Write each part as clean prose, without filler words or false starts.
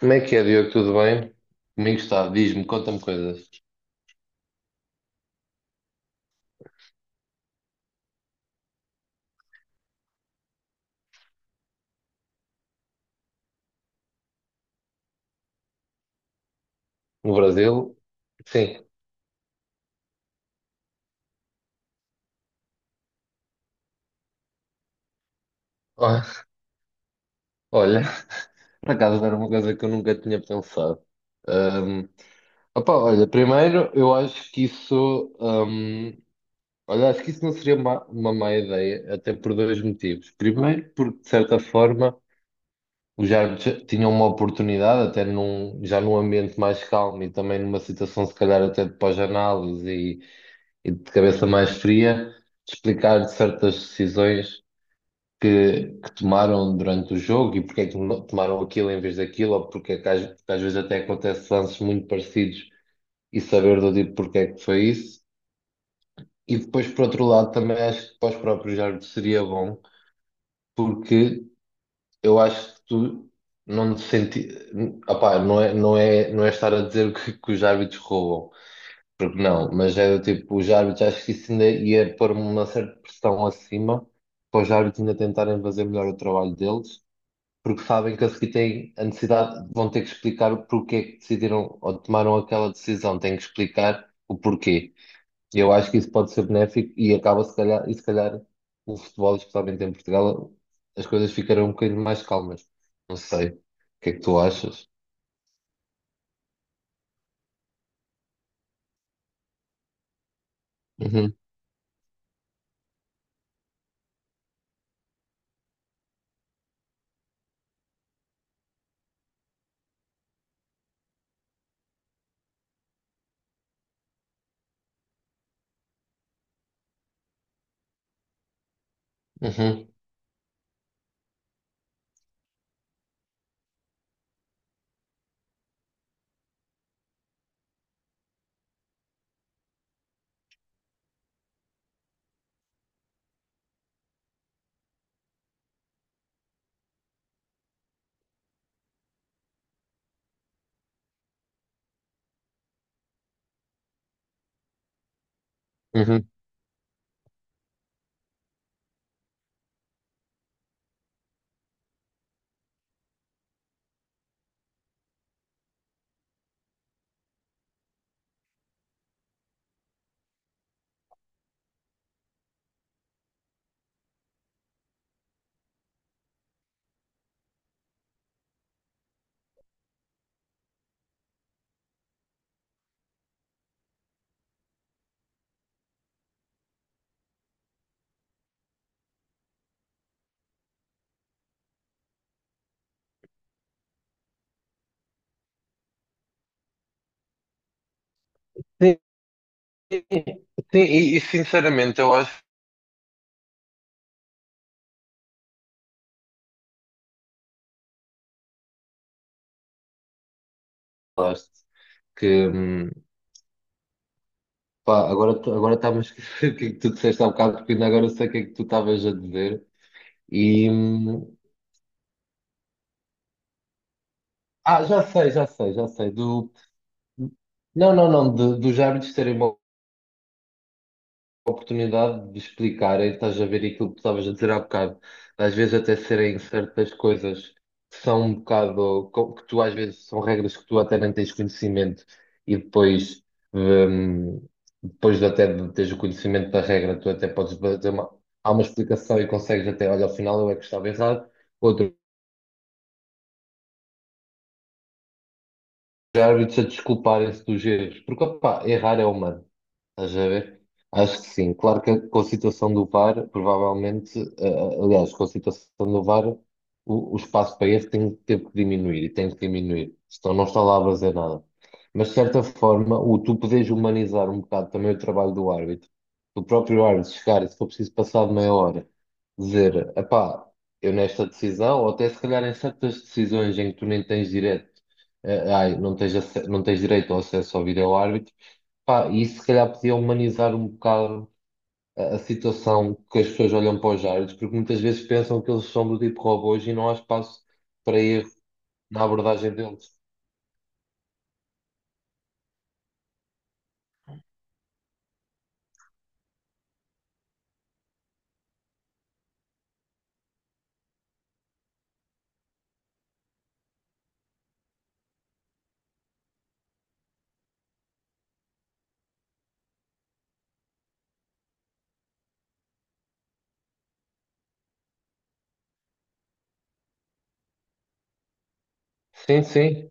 Como é que é, Diogo? Tudo bem? Comigo está, diz-me, conta-me coisas. No Brasil, sim. Ó- Olha, por acaso era uma coisa que eu nunca tinha pensado. Ahm, opa, olha, primeiro eu acho que isso, olha, acho que isso não seria uma má ideia, até por dois motivos. Primeiro, porque de certa forma os árbitros tinham uma oportunidade, até já num ambiente mais calmo e também numa situação se calhar até de pós-análise e de cabeça mais fria, de explicar certas decisões que tomaram durante o jogo e porque é que tomaram aquilo em vez daquilo, ou porque é que porque às vezes até acontece lances muito parecidos e saber do tipo porque é que foi isso. E depois, por outro lado, também acho que para os próprios árbitros seria bom, porque eu acho que tu não te senti... Opá, não é estar a dizer que os árbitros roubam, porque não, mas é do tipo, os árbitros, acho que isso ainda ia pôr uma certa pressão acima para os árbitros ainda tentarem fazer melhor o trabalho deles, porque sabem que a seguir têm a necessidade, vão ter que explicar o porquê é que decidiram ou tomaram aquela decisão, têm que explicar o porquê. Eu acho que isso pode ser benéfico e acaba se calhar, e se calhar o futebol, especialmente em Portugal, as coisas ficarão um bocadinho mais calmas. Não sei. O que é que tu achas? Uhum, uhum, uhum. Sim, sim, sinceramente eu acho. Falaste, que, pá, agora está-me a esquecer o que é que tu disseste há bocado, porque ainda agora sei o que é que tu estavas a dizer. E ah, já sei, já sei, já sei. Do, não, não, não, dos árbitros terem uma oportunidade de explicarem, estás a ver aquilo que tu estavas a dizer há bocado, às vezes até serem certas coisas que são um bocado, que tu às vezes são regras que tu até nem tens conhecimento e depois. hum, Depois de até de teres o conhecimento da regra, tu até podes fazer uma, há uma explicação e consegues até, olha, ao final eu é que estava errado, outro árbitros a desculparem-se dos erros, porque opá, errar é humano, estás a ver? Acho que sim, claro que com a situação do VAR, provavelmente, aliás, com a situação do VAR, o espaço para erro tem, teve que diminuir e tem que diminuir, senão não está lá a fazer nada. Mas de certa forma, o tu podes humanizar um bocado também o trabalho do árbitro, o próprio árbitro chegar e se for preciso passar de meia hora, dizer, epá, eu nesta decisão, ou até se calhar em certas decisões em que tu nem tens direito ai, não tens direito ao acesso ao vídeo-árbitro. Pá, e isso se calhar podia humanizar um bocado a situação que as pessoas olham para os árbitros, porque muitas vezes pensam que eles são do tipo robôs e não há espaço para erro na abordagem deles. Sim, sim,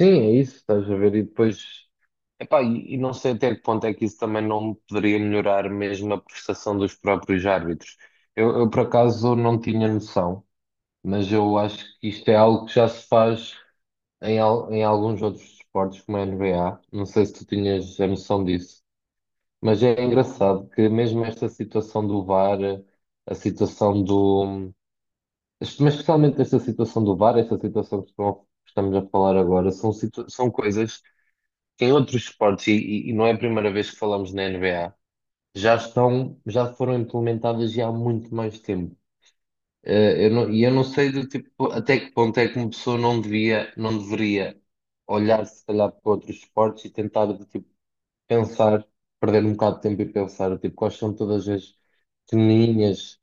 sim, é isso, estás a ver? E depois, epá, e não sei até que ponto é que isso também não poderia melhorar mesmo a prestação dos próprios árbitros. Eu por acaso não tinha noção, mas eu acho que isto é algo que já se faz em alguns outros esportes, como a NBA, não sei se tu tinhas a noção disso, mas é engraçado que mesmo esta situação do VAR, a situação do. Mas especialmente esta situação do VAR, esta situação que estamos a falar agora, são, são coisas que em outros esportes, e não é a primeira vez que falamos na NBA, já estão, já foram implementadas já há muito mais tempo. Eh, eu não- E eu não sei do tipo até que ponto é que uma pessoa não devia, não deveria olhar se calhar para outros esportes e tentar do tipo pensar, perder um bocado de tempo e pensar do tipo quais são todas as pequenininhas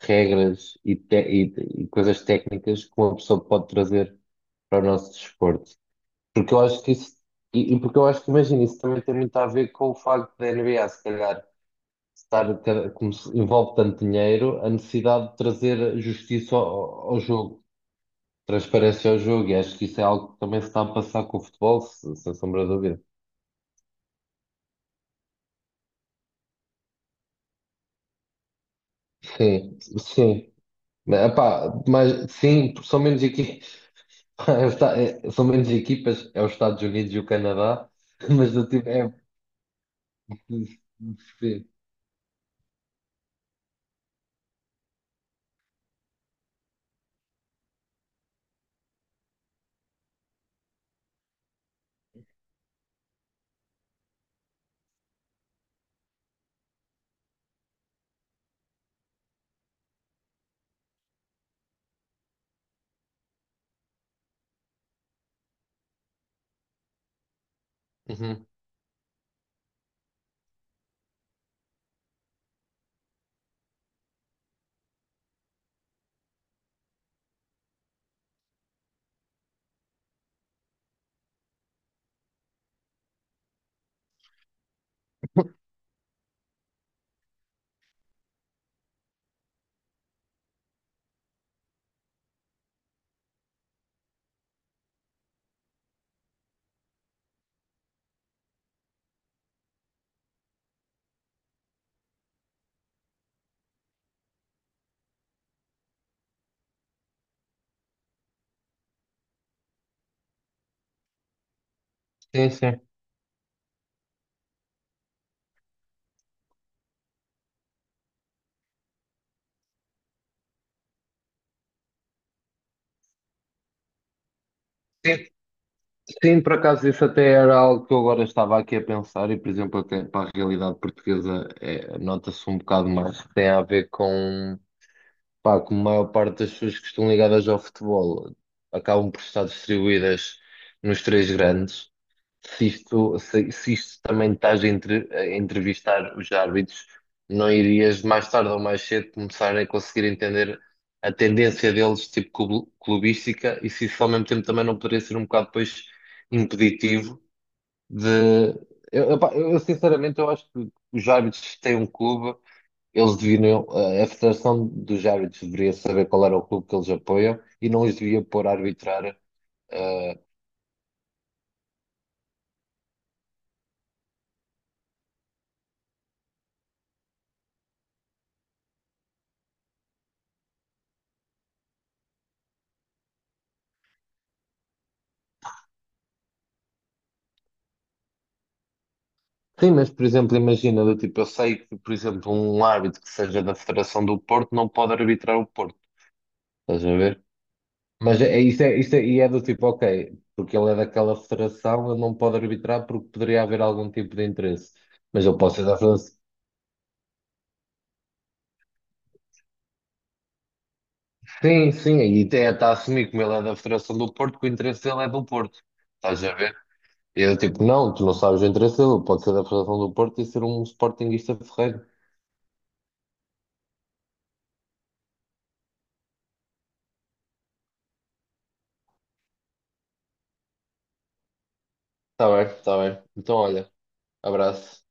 regras e coisas técnicas que uma pessoa pode trazer para o nosso desporto. Porque eu acho que isso, e porque eu acho que imagina, isso também tem muito a ver com o facto da NBA, se calhar estar, como se envolve tanto dinheiro, a necessidade de trazer justiça ao jogo, transparência ao jogo, e acho que isso é algo que também se está a passar com o futebol, sem sombra de dúvida. Sim, sim. Epá, mas sim, porque são menos equipas, são menos equipas, é os Estados Unidos e o Canadá, mas do tipo, é. Sim. Uhum. Sim, sim. Sim, sim, por acaso isso até era algo que eu agora estava aqui a pensar e, por exemplo, até para a realidade portuguesa é, nota-se um bocado mais que tem a ver com, pá, com a maior parte das pessoas que estão ligadas ao futebol acabam por estar distribuídas nos três grandes se isto, se isto também estás a entrevistar os árbitros, não irias mais tarde ou mais cedo começar a conseguir entender a tendência deles, tipo clubística, e se isso ao mesmo tempo também não poderia ser um bocado depois impeditivo de. Eu, sinceramente eu acho que os árbitros têm um clube, eles deviam a Federação dos Árbitros deveria saber qual era o clube que eles apoiam e não os devia pôr a arbitrar eh, sim, mas por exemplo, imagina, do tipo, eu sei que, por exemplo, um árbitro que seja da Federação do Porto não pode arbitrar o Porto, estás a ver? Mas isso isso é, e é do tipo, ok, porque ele é daquela federação, ele não pode arbitrar porque poderia haver algum tipo de interesse. Mas eu posso ser da federação. Sim, sim, e até está a assumir como ele é da Federação do Porto, que o interesse dele é do Porto, estás a ver? E eu tipo, não, tu não sabes o interesse dele, pode ser da Federação do Porto e ser um sportinguista ferreiro. Está bem, está bem. Então, olha, abraço.